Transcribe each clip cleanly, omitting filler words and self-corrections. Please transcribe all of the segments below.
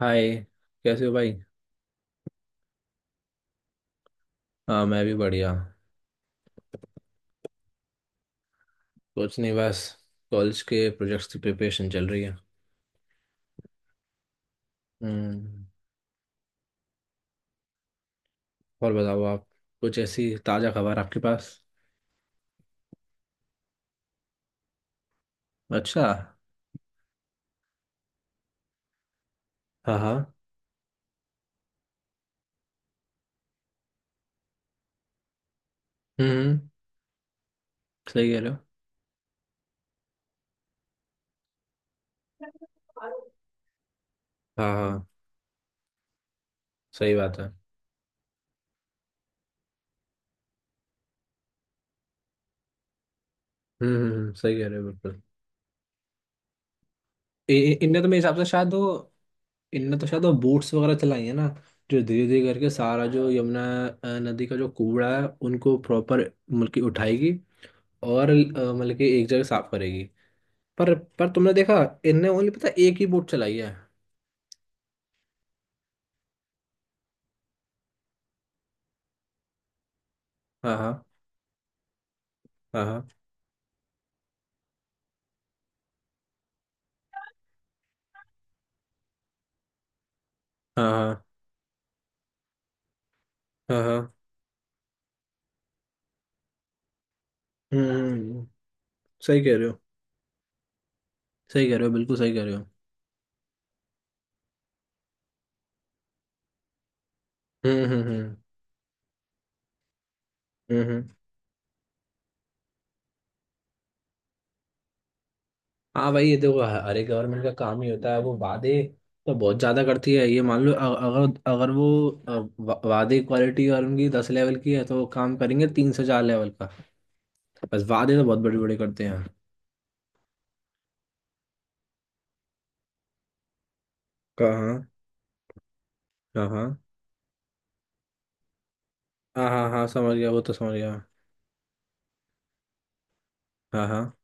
हाय। कैसे हो भाई? हाँ, मैं भी बढ़िया। कुछ नहीं, बस कॉलेज के प्रोजेक्ट्स की प्रिपरेशन चल रही है। हम्म। और बताओ आप? कुछ ऐसी ताज़ा खबर आपके पास? अच्छा। हाँ हाँ। हम्म। सही कह रहे हो। हाँ हाँ। सही बात है। सही कह रहे हो बिल्कुल। इनने तो मेरे हिसाब से शायद वो इनने तो शायद वो बोट्स वगैरह चलाई है ना, जो धीरे धीरे करके सारा जो यमुना नदी का जो कूड़ा है उनको प्रॉपर मतलब कि उठाएगी। और मतलब कि एक जगह साफ करेगी। पर पर तुमने देखा, इनने ओनली पता है एक ही बोट चलाई है। हाँ हाँ। हाँ हाँ। हाँ हाँ। हाँ। हम्म। सही कह रहे हो। सही कह रहे हो, बिल्कुल सही कह रहे हो। हम्म हम्म हम्म हम्म हम्म। हाँ भाई, ये देखो, अरे गवर्नमेंट का काम ही होता है वो वादे तो बहुत ज्यादा करती है। ये मान लो अगर अगर वो वादे क्वालिटी और उनकी 10 लेवल की है तो वो काम करेंगे 3 से 4 लेवल का। बस वादे तो बहुत बड़े बड़े करते हैं। कहाँ? हाँ हाँ। हाँ हाँ हाँ, समझ गया, वो तो समझ गया। हाँ हाँ।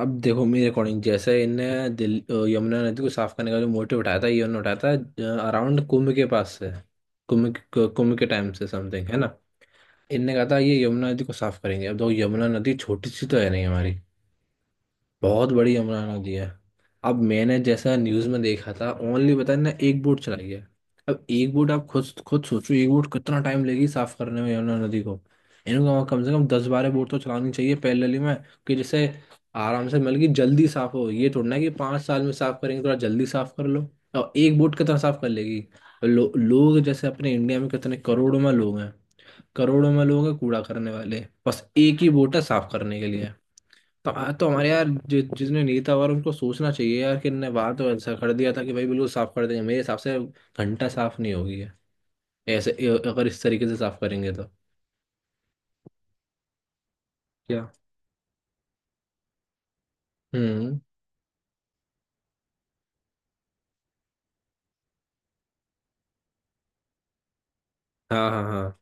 अब देखो, मेरे अकॉर्डिंग जैसे इनने यमुना नदी को साफ करने का जो मोटिव उठाया था, ये उन्होंने उठाया था अराउंड कुंभ के पास से। कुंभ के टाइम से समथिंग है ना। इनने कहा था ये यमुना नदी को साफ करेंगे। अब देखो, यमुना नदी छोटी सी तो है नहीं हमारी, बहुत बड़ी अमराना नदी है। अब मैंने जैसा न्यूज में देखा था, ओनली पता है ना, एक बोट चलाई है। अब एक बोट आप खुद खुद सोचो, एक बोट कितना टाइम लगेगी साफ करने में यमुना नदी को। इनको वहाँ कम से कम 10-12 बोट तो चलानी चाहिए पैरेलली में, कि जिससे आराम से मिल गई जल्दी साफ हो। ये थोड़ा ना कि 5 साल में साफ करेंगे, थोड़ा जल्दी साफ कर लो। और एक बोट कितना साफ कर लेगी? लोग जैसे अपने इंडिया में कितने करोड़ों में लोग हैं, करोड़ों में लोग हैं कूड़ा करने वाले, बस एक ही बोट है साफ करने के लिए। तो हाँ, तो हमारे यार जितने नेता और उनको सोचना चाहिए यार कि इनने बात तो ऐसा कर दिया था कि भाई बिल्कुल साफ कर देंगे, मेरे हिसाब से घंटा साफ नहीं होगी है। ऐसे अगर इस तरीके से साफ करेंगे तो। क्या? हम्म। हाँ हाँ हाँ।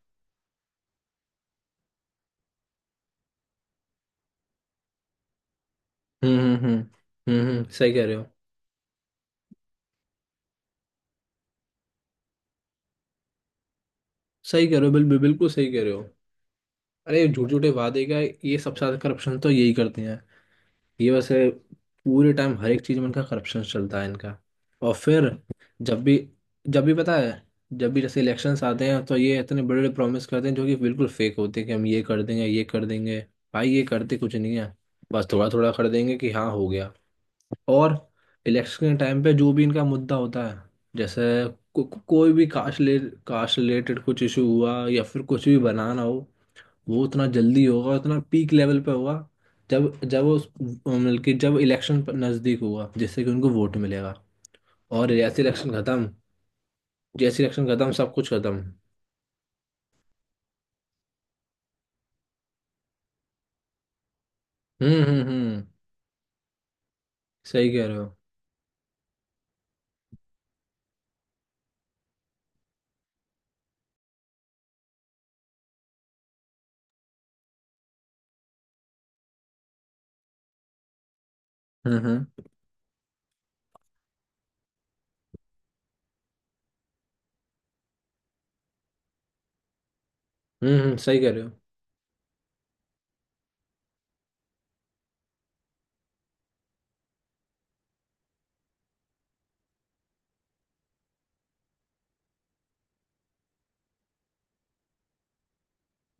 हम्म हम्म हम्म सही कह रहे हो। सही कह रहे हो, बिल्कुल बिल्कुल सही कह रहे हो। अरे झूठ झूठे वादे का, ये सबसे ज्यादा करप्शन तो यही करते हैं। ये वैसे पूरे टाइम हर एक चीज में इनका करप्शन चलता है इनका। और फिर जब भी जब भी पता है, जब भी जैसे इलेक्शंस आते हैं तो ये इतने बड़े बड़े प्रॉमिस करते हैं जो कि बिल्कुल फेक होते हैं कि हम ये कर देंगे ये कर देंगे। भाई ये करते कुछ नहीं है, बस थोड़ा थोड़ा कर देंगे कि हाँ हो गया। और इलेक्शन के टाइम पे जो भी इनका मुद्दा होता है, जैसे कोई भी कास्ट ले, कास्ट रिलेटेड कुछ इशू हुआ या फिर कुछ भी बनाना हो, वो उतना जल्दी होगा, उतना पीक लेवल पे होगा, जब जब वो मतलब कि जब इलेक्शन नज़दीक होगा जिससे कि उनको वोट मिलेगा। और जैसे इलेक्शन खत्म, सब कुछ खत्म। हम्म। सही कह रहे हो। हम्म हम्म सही कह रहे हो।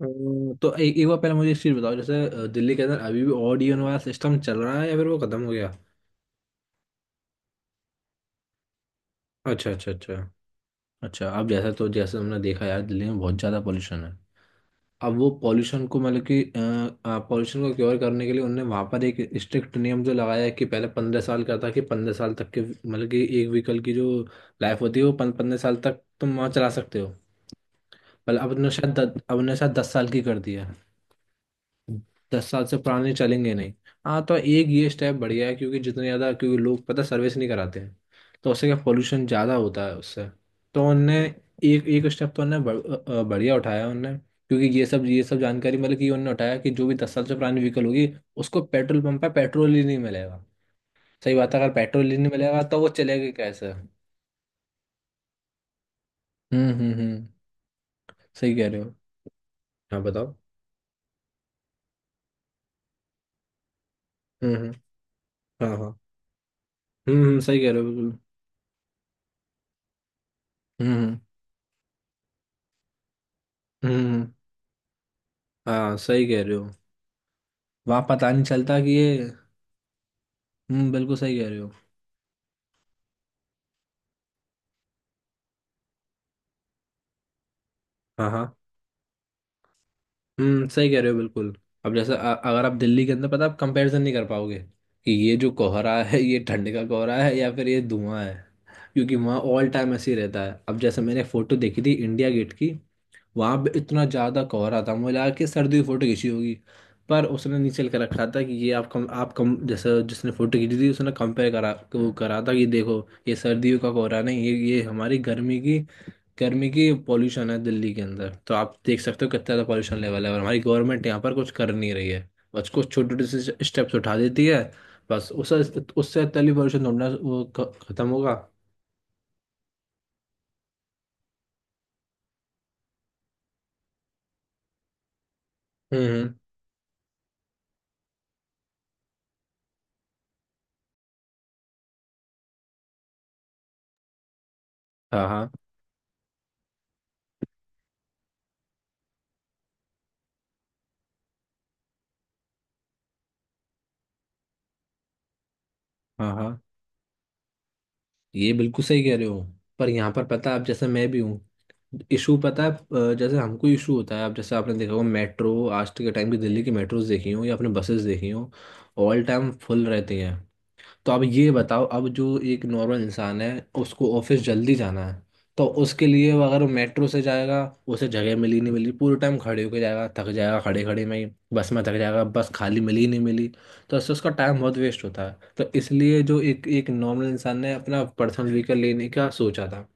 तो एक एक बार पहले मुझे एक चीज़ बताओ, जैसे दिल्ली के अंदर अभी भी ऑड इवन वाला सिस्टम चल रहा है या फिर वो खत्म हो गया? अच्छा अच्छा अच्छा। अच्छा, अब जैसा तो जैसे हमने देखा यार, दिल्ली में बहुत ज़्यादा पॉल्यूशन है। अब वो पॉल्यूशन को मतलब कि पॉल्यूशन को क्योर करने के लिए उनने वहाँ पर एक स्ट्रिक्ट नियम जो लगाया है कि पहले 15 साल का था, कि 15 साल तक के मतलब कि एक व्हीकल की जो लाइफ होती है वो 15 साल तक तुम वहाँ चला सकते हो। पर अब उन्होंने शायद 10 साल की कर दिया। 10 साल से पुराने चलेंगे नहीं। हाँ, तो एक ये स्टेप बढ़िया है, क्योंकि जितने ज़्यादा क्योंकि लोग पता सर्विस नहीं कराते हैं तो उससे क्या पोल्यूशन ज़्यादा होता है उससे। तो उनने एक एक स्टेप तो उनने बढ़िया उठाया है उनने, क्योंकि ये सब जानकारी मतलब कि उनने उठाया कि जो भी 10 साल से पुरानी व्हीकल होगी उसको पेट्रोल पंप पे पेट्रोल ही नहीं मिलेगा। सही बात है, अगर पेट्रोल ही नहीं मिलेगा तो वो चलेगी कैसे? हम्म। सही कह रहे हो। हाँ बताओ। हम्म। हाँ हाँ। हम्म, सही कह रहे हो बिल्कुल। हम्म हम्म हम्म, हाँ सही कह रहे हो। वहां पता नहीं चलता कि ये। हम्म, बिल्कुल सही कह रहे हो। हाँ हाँ। हम्म, सही कह रहे हो बिल्कुल। अब जैसे अगर आप दिल्ली के अंदर पता आप कंपैरिजन नहीं कर पाओगे कि ये जो कोहरा है ये ठंड का कोहरा है या फिर ये धुआं है, क्योंकि वहाँ ऑल टाइम ऐसे ही रहता है। अब जैसे मैंने फोटो देखी थी इंडिया गेट की, वहाँ पे इतना ज़्यादा कोहरा था मुझे लगा कि सर्दी की फोटो खींची होगी। पर उसने नीचे कर रखा था कि ये आप कम जैसे जिसने फोटो खींची थी उसने कंपेयर करा, वो करा था कि देखो ये सर्दियों का कोहरा नहीं, ये ये हमारी गर्मी की पॉल्यूशन है दिल्ली के अंदर, तो आप देख सकते हो कितना ज़्यादा पॉल्यूशन लेवल है और हमारी गवर्नमेंट यहाँ पर कुछ कर नहीं रही है। बस कुछ छोटे छोटे से स्टेप्स उठा देती है, बस उस उससे तली पॉल्यूशन ढूंढना वो खत्म होगा। हम्म हम्म। हाँ हाँ हाँ हाँ। ये बिल्कुल सही कह रहे हो, पर यहाँ पर पता है आप जैसे मैं भी हूँ, इशू पता है। जैसे हमको इशू होता है, अब जैसे आपने देखा होगा मेट्रो आज के टाइम की, दिल्ली की मेट्रोज देखी हो या आपने बसेस देखी हो, ऑल टाइम फुल रहती हैं। तो अब ये बताओ, अब जो एक नॉर्मल इंसान है, उसको ऑफिस जल्दी जाना है तो उसके लिए वो अगर मेट्रो से जाएगा, उसे जगह मिली नहीं मिली पूरे टाइम खड़े होके जाएगा, थक जाएगा खड़े खड़े में ही। बस में थक जाएगा, बस खाली मिली ही नहीं मिली। तो उससे उसका टाइम बहुत वेस्ट होता है, तो इसलिए जो एक एक नॉर्मल इंसान ने अपना पर्सनल व्हीकल लेने का सोचा था।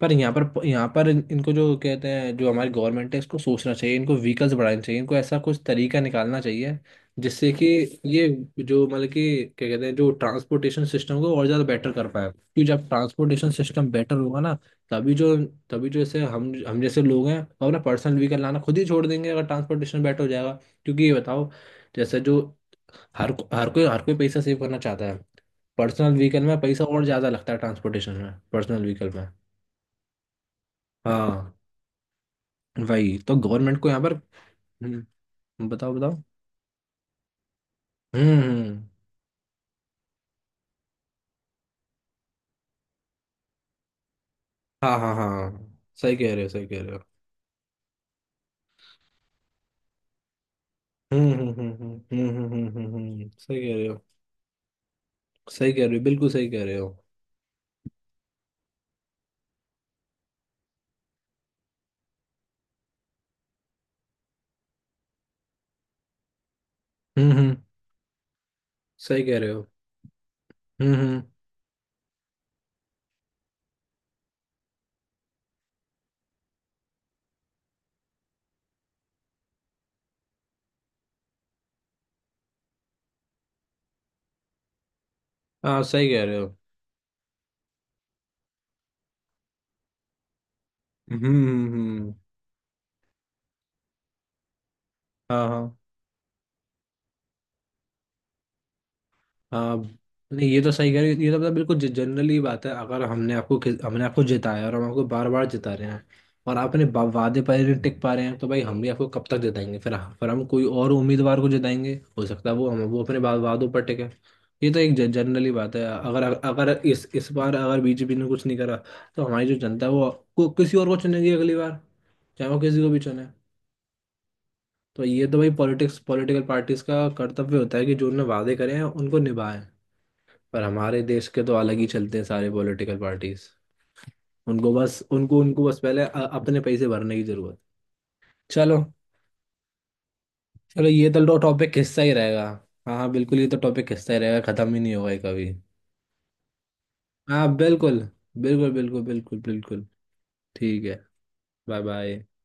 पर यहाँ पर इनको जो कहते हैं, जो हमारी गवर्नमेंट है इसको सोचना चाहिए, इनको व्हीकल्स बढ़ाने चाहिए, इनको ऐसा कुछ तरीका निकालना चाहिए जिससे कि ये जो मतलब कि क्या कहते हैं जो ट्रांसपोर्टेशन सिस्टम को और ज़्यादा बेटर कर पाए, क्योंकि जब ट्रांसपोर्टेशन सिस्टम बेटर होगा ना, तभी जो तभी जो ऐसे हम जैसे लोग हैं वो अपना पर्सनल व्हीकल लाना खुद ही छोड़ देंगे अगर ट्रांसपोर्टेशन बेटर हो जाएगा। क्योंकि ये बताओ, जैसे जो हर हर कोई पैसा सेव करना चाहता है, पर्सनल व्हीकल में पैसा और ज़्यादा लगता है ट्रांसपोर्टेशन में पर्सनल व्हीकल में। हाँ, वही तो गवर्नमेंट को यहाँ पर। हम्म, बताओ बताओ। हम्म हम्म, हाँ हाँ हाँ, सही कह रहे हो। सही कह रहे हो। सही कह रहे हो। सही कह रहे हो, बिल्कुल सही कह रहे हो। हम्म, सही कह रहे हो। हम्म। हाँ, सही कह रहे हो। हम्म हम्म हम्म, हाँ हाँ हाँ। नहीं, ये तो सही कह रहे हो, ये तो मतलब बिल्कुल जनरली बात है, अगर हमने आपको जिताया और हम आपको बार बार जिता रहे हैं और आप अपने वादे पर नहीं टिक पा रहे हैं, तो भाई हम भी आपको कब तक जिताएंगे? फिर हम कोई और उम्मीदवार को जिताएंगे, हो सकता है वो अपने वादों पर टिके। ये तो एक जनरली बात है, अगर अगर इस इस बार अगर बीजेपी ने कुछ नहीं करा तो हमारी जो जनता है वो किसी और को चुनेगी अगली बार, चाहे वो किसी को भी चुने। तो ये तो भाई पॉलिटिक्स पॉलिटिकल पार्टीज का कर्तव्य होता है कि जो उन्होंने वादे करे हैं उनको निभाएं। पर हमारे देश के तो अलग ही चलते हैं सारे पॉलिटिकल पार्टीज। उनको बस उनको उनको बस पहले अपने पैसे भरने की जरूरत। चलो। चलो, ये तो टॉपिक हिस्सा ही रहेगा। हाँ हाँ, बिल्कुल, ये तो टॉपिक हिस्सा ही रहेगा, खत्म ही नहीं होगा ये कभी। हाँ बिल्कुल, बिल्कुल बिल्कुल बिल्कुल बिल्कुल। ठीक है। Bye bye.